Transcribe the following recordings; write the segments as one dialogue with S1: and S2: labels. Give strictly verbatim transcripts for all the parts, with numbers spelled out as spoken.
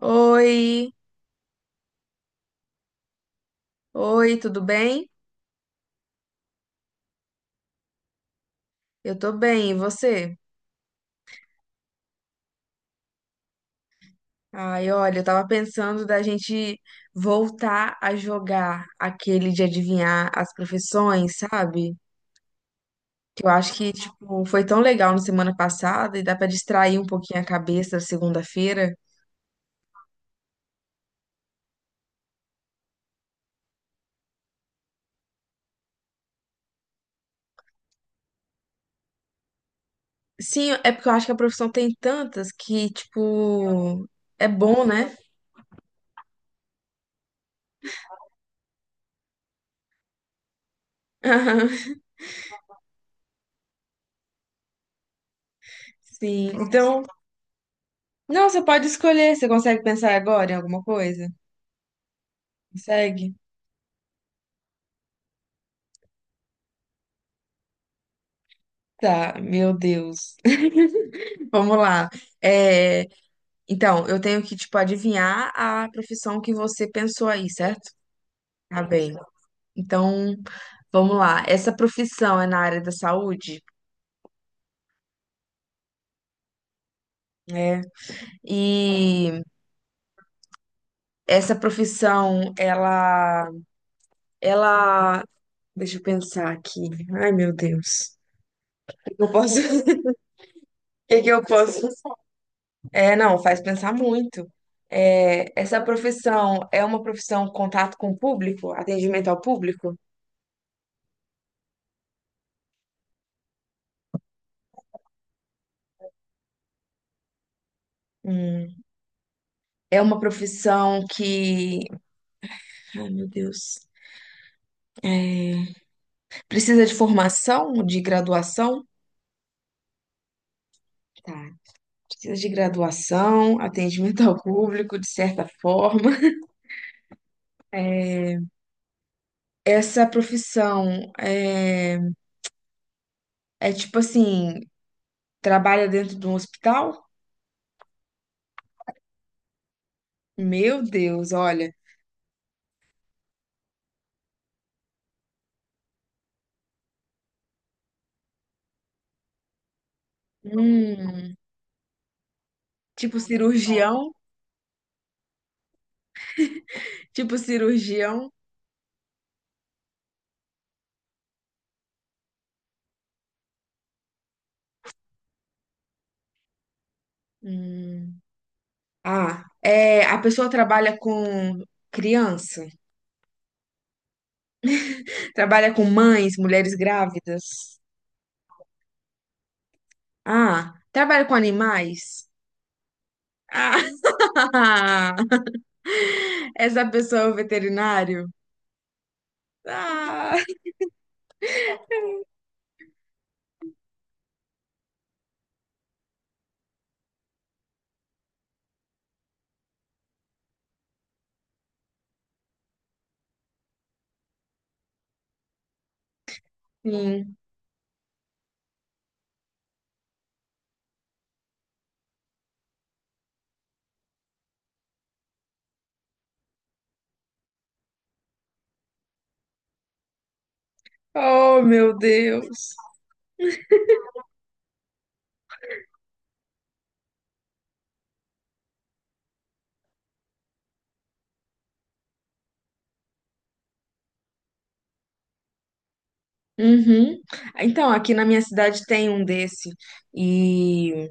S1: Oi, oi, tudo bem? Eu tô bem, e você? Ai, olha, eu tava pensando da gente voltar a jogar aquele de adivinhar as profissões, sabe? Que eu acho que, tipo, foi tão legal na semana passada e dá pra distrair um pouquinho a cabeça da segunda-feira. Sim, é porque eu acho que a profissão tem tantas que, tipo, é bom, né? Sim. Então, não, você pode escolher, você consegue pensar agora em alguma coisa? Consegue? Tá, meu Deus. Vamos lá. É, então, eu tenho que, tipo, adivinhar a profissão que você pensou aí, certo? Tá bem. Então, vamos lá. Essa profissão é na área da saúde? É. E essa profissão, ela, ela, deixa eu pensar aqui. Ai, meu Deus. O que eu posso? O que que eu posso? É, não, faz pensar muito. É, essa profissão é uma profissão contato com o público, atendimento ao público? Hum, é uma profissão que, ai meu Deus, é, precisa de formação, de graduação? Tá, precisa de graduação, atendimento ao público, de certa forma. É, essa profissão é, é tipo assim, trabalha dentro de um hospital? Meu Deus, olha. Hum, tipo cirurgião, tipo cirurgião. Hum. Ah, é, a pessoa trabalha com criança? Trabalha com mães, mulheres grávidas. Ah, trabalha com animais. Ah, essa pessoa é o veterinário. Ah, sim. Oh, meu Deus. Uhum. Então, aqui na minha cidade tem um desse. E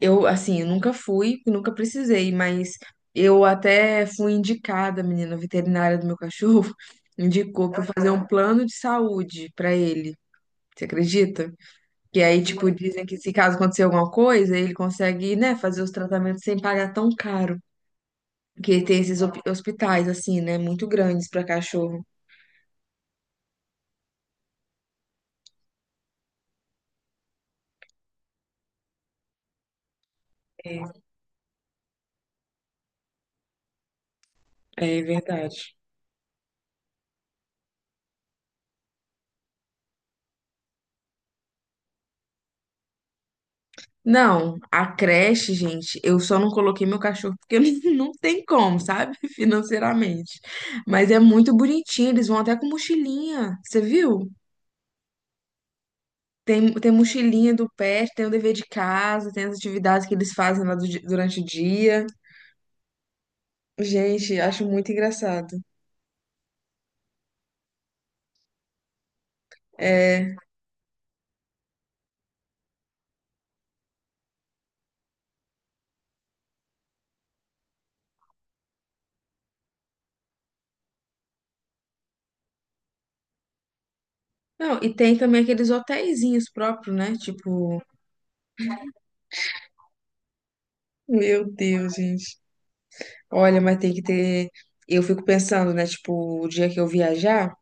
S1: eu, assim, eu nunca fui, nunca precisei, mas eu até fui indicada, menina, a veterinária do meu cachorro indicou pra eu fazer um plano de saúde pra ele. Você acredita? Que aí, tipo, dizem que se caso acontecer alguma coisa, ele consegue, né, fazer os tratamentos sem pagar tão caro. Porque tem esses hop- hospitais, assim, né, muito grandes pra cachorro. É, é verdade. Não, a creche, gente, eu só não coloquei meu cachorro porque não, não tem como, sabe? Financeiramente. Mas é muito bonitinho, eles vão até com mochilinha, você viu? Tem, tem mochilinha do pet, tem o dever de casa, tem as atividades que eles fazem lá do di- durante o dia. Gente, acho muito engraçado. É. Não, e tem também aqueles hotelzinhos próprios, né? Tipo, meu Deus, gente. Olha, mas tem que ter. Eu fico pensando, né? Tipo, o dia que eu viajar,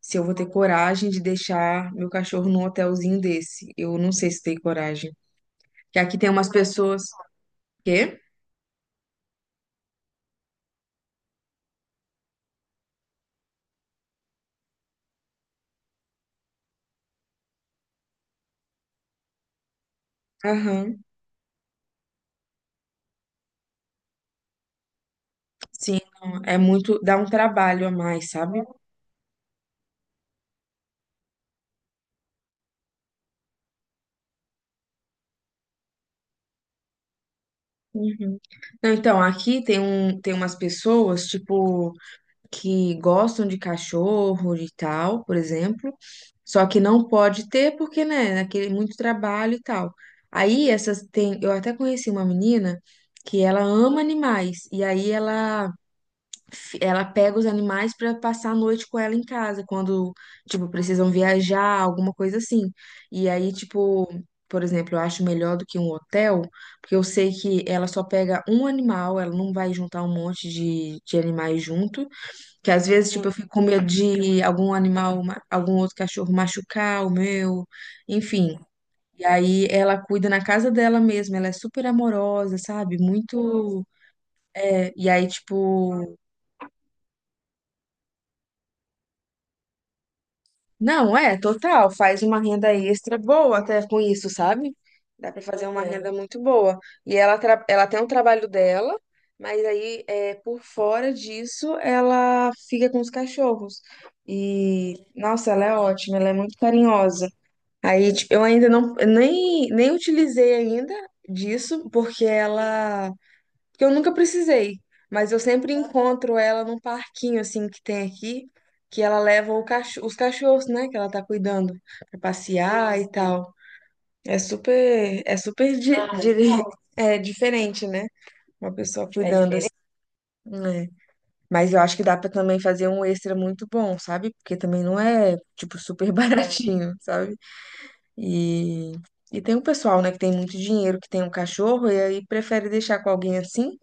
S1: se eu vou ter coragem de deixar meu cachorro num hotelzinho desse. Eu não sei se tenho coragem. Que aqui tem umas pessoas. Quê? Aham. Sim, não, é muito. Dá um trabalho a mais, sabe? Uhum. Não, então, aqui tem um, tem umas pessoas, tipo, que gostam de cachorro e tal, por exemplo. Só que não pode ter porque, né, aquele muito trabalho e tal. Aí essas tem, eu até conheci uma menina que ela ama animais e aí ela fi- ela pega os animais para passar a noite com ela em casa, quando, tipo, precisam viajar, alguma coisa assim. E aí, tipo, por exemplo, eu acho melhor do que um hotel, porque eu sei que ela só pega um animal, ela não vai juntar um monte de, de animais junto, que às vezes, tipo, eu fico com medo de algum animal, ma- algum outro cachorro machucar o meu, enfim. E aí ela cuida na casa dela mesma, ela é super amorosa, sabe? Muito. É, e aí, tipo, não, é, total. Faz uma renda extra boa até com isso, sabe? Dá pra fazer uma É. renda muito boa. E ela, tra- ela tem um trabalho dela, mas aí é, por fora disso ela fica com os cachorros. E, nossa, ela é ótima, ela é muito carinhosa. Aí, tipo, eu ainda não, nem, nem utilizei ainda disso, porque ela porque eu nunca precisei, mas eu sempre encontro ela num parquinho assim que tem aqui, que ela leva o cacho- os cachorros, né, que ela tá cuidando pra passear e tal. É super, é super di- dire- é diferente, né? Uma pessoa É cuidando assim, diferente, né? Mas eu acho que dá pra também fazer um extra muito bom, sabe? Porque também não é tipo super baratinho, sabe? E E tem um pessoal, né, que tem muito dinheiro, que tem um cachorro e aí prefere deixar com alguém assim.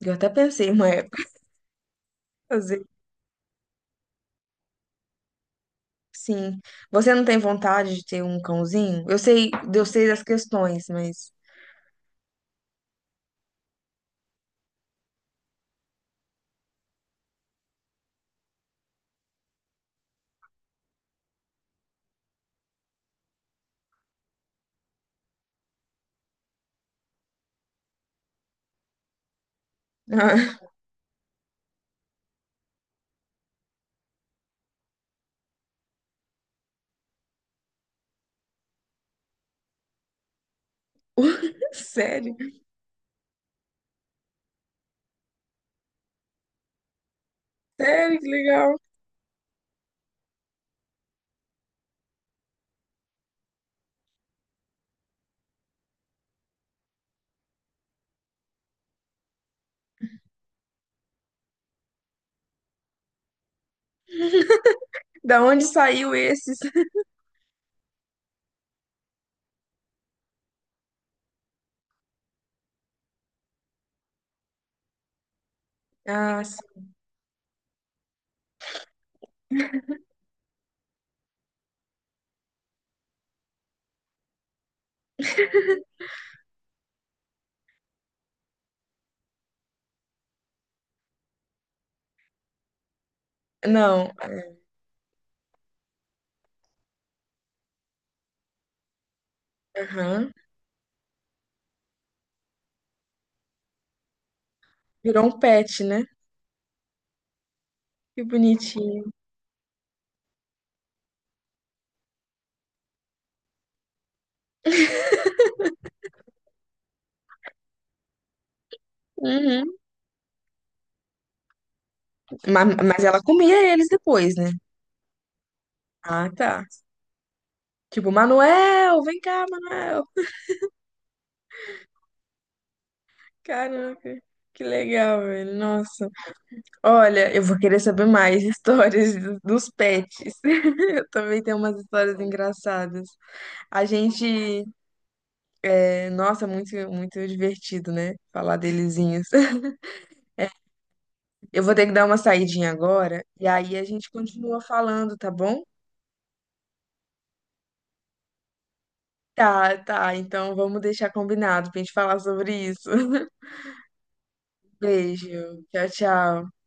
S1: Eu até pensei uma época, fazer. Sim. Você não tem vontade de ter um cãozinho? Eu sei, eu sei das questões, mas. Sério? Sério, que legal. Da onde saiu esses? Ah, sim, não. Aham. Virou um pet, né? Que bonitinho. Uhum. Ma- Mas, ela comia eles depois, né? Ah, tá. Tipo, Manuel, vem cá, Manuel. Caraca, que legal, velho. Nossa. Olha, eu vou querer saber mais histórias do- dos pets. Eu também tenho umas histórias engraçadas. A gente, é, nossa, muito, muito divertido, né? Falar delezinhos. Eu vou ter que dar uma saidinha agora e aí a gente continua falando, tá bom? Tá, tá. Então vamos deixar combinado pra gente falar sobre isso. Beijo. Tchau, tchau.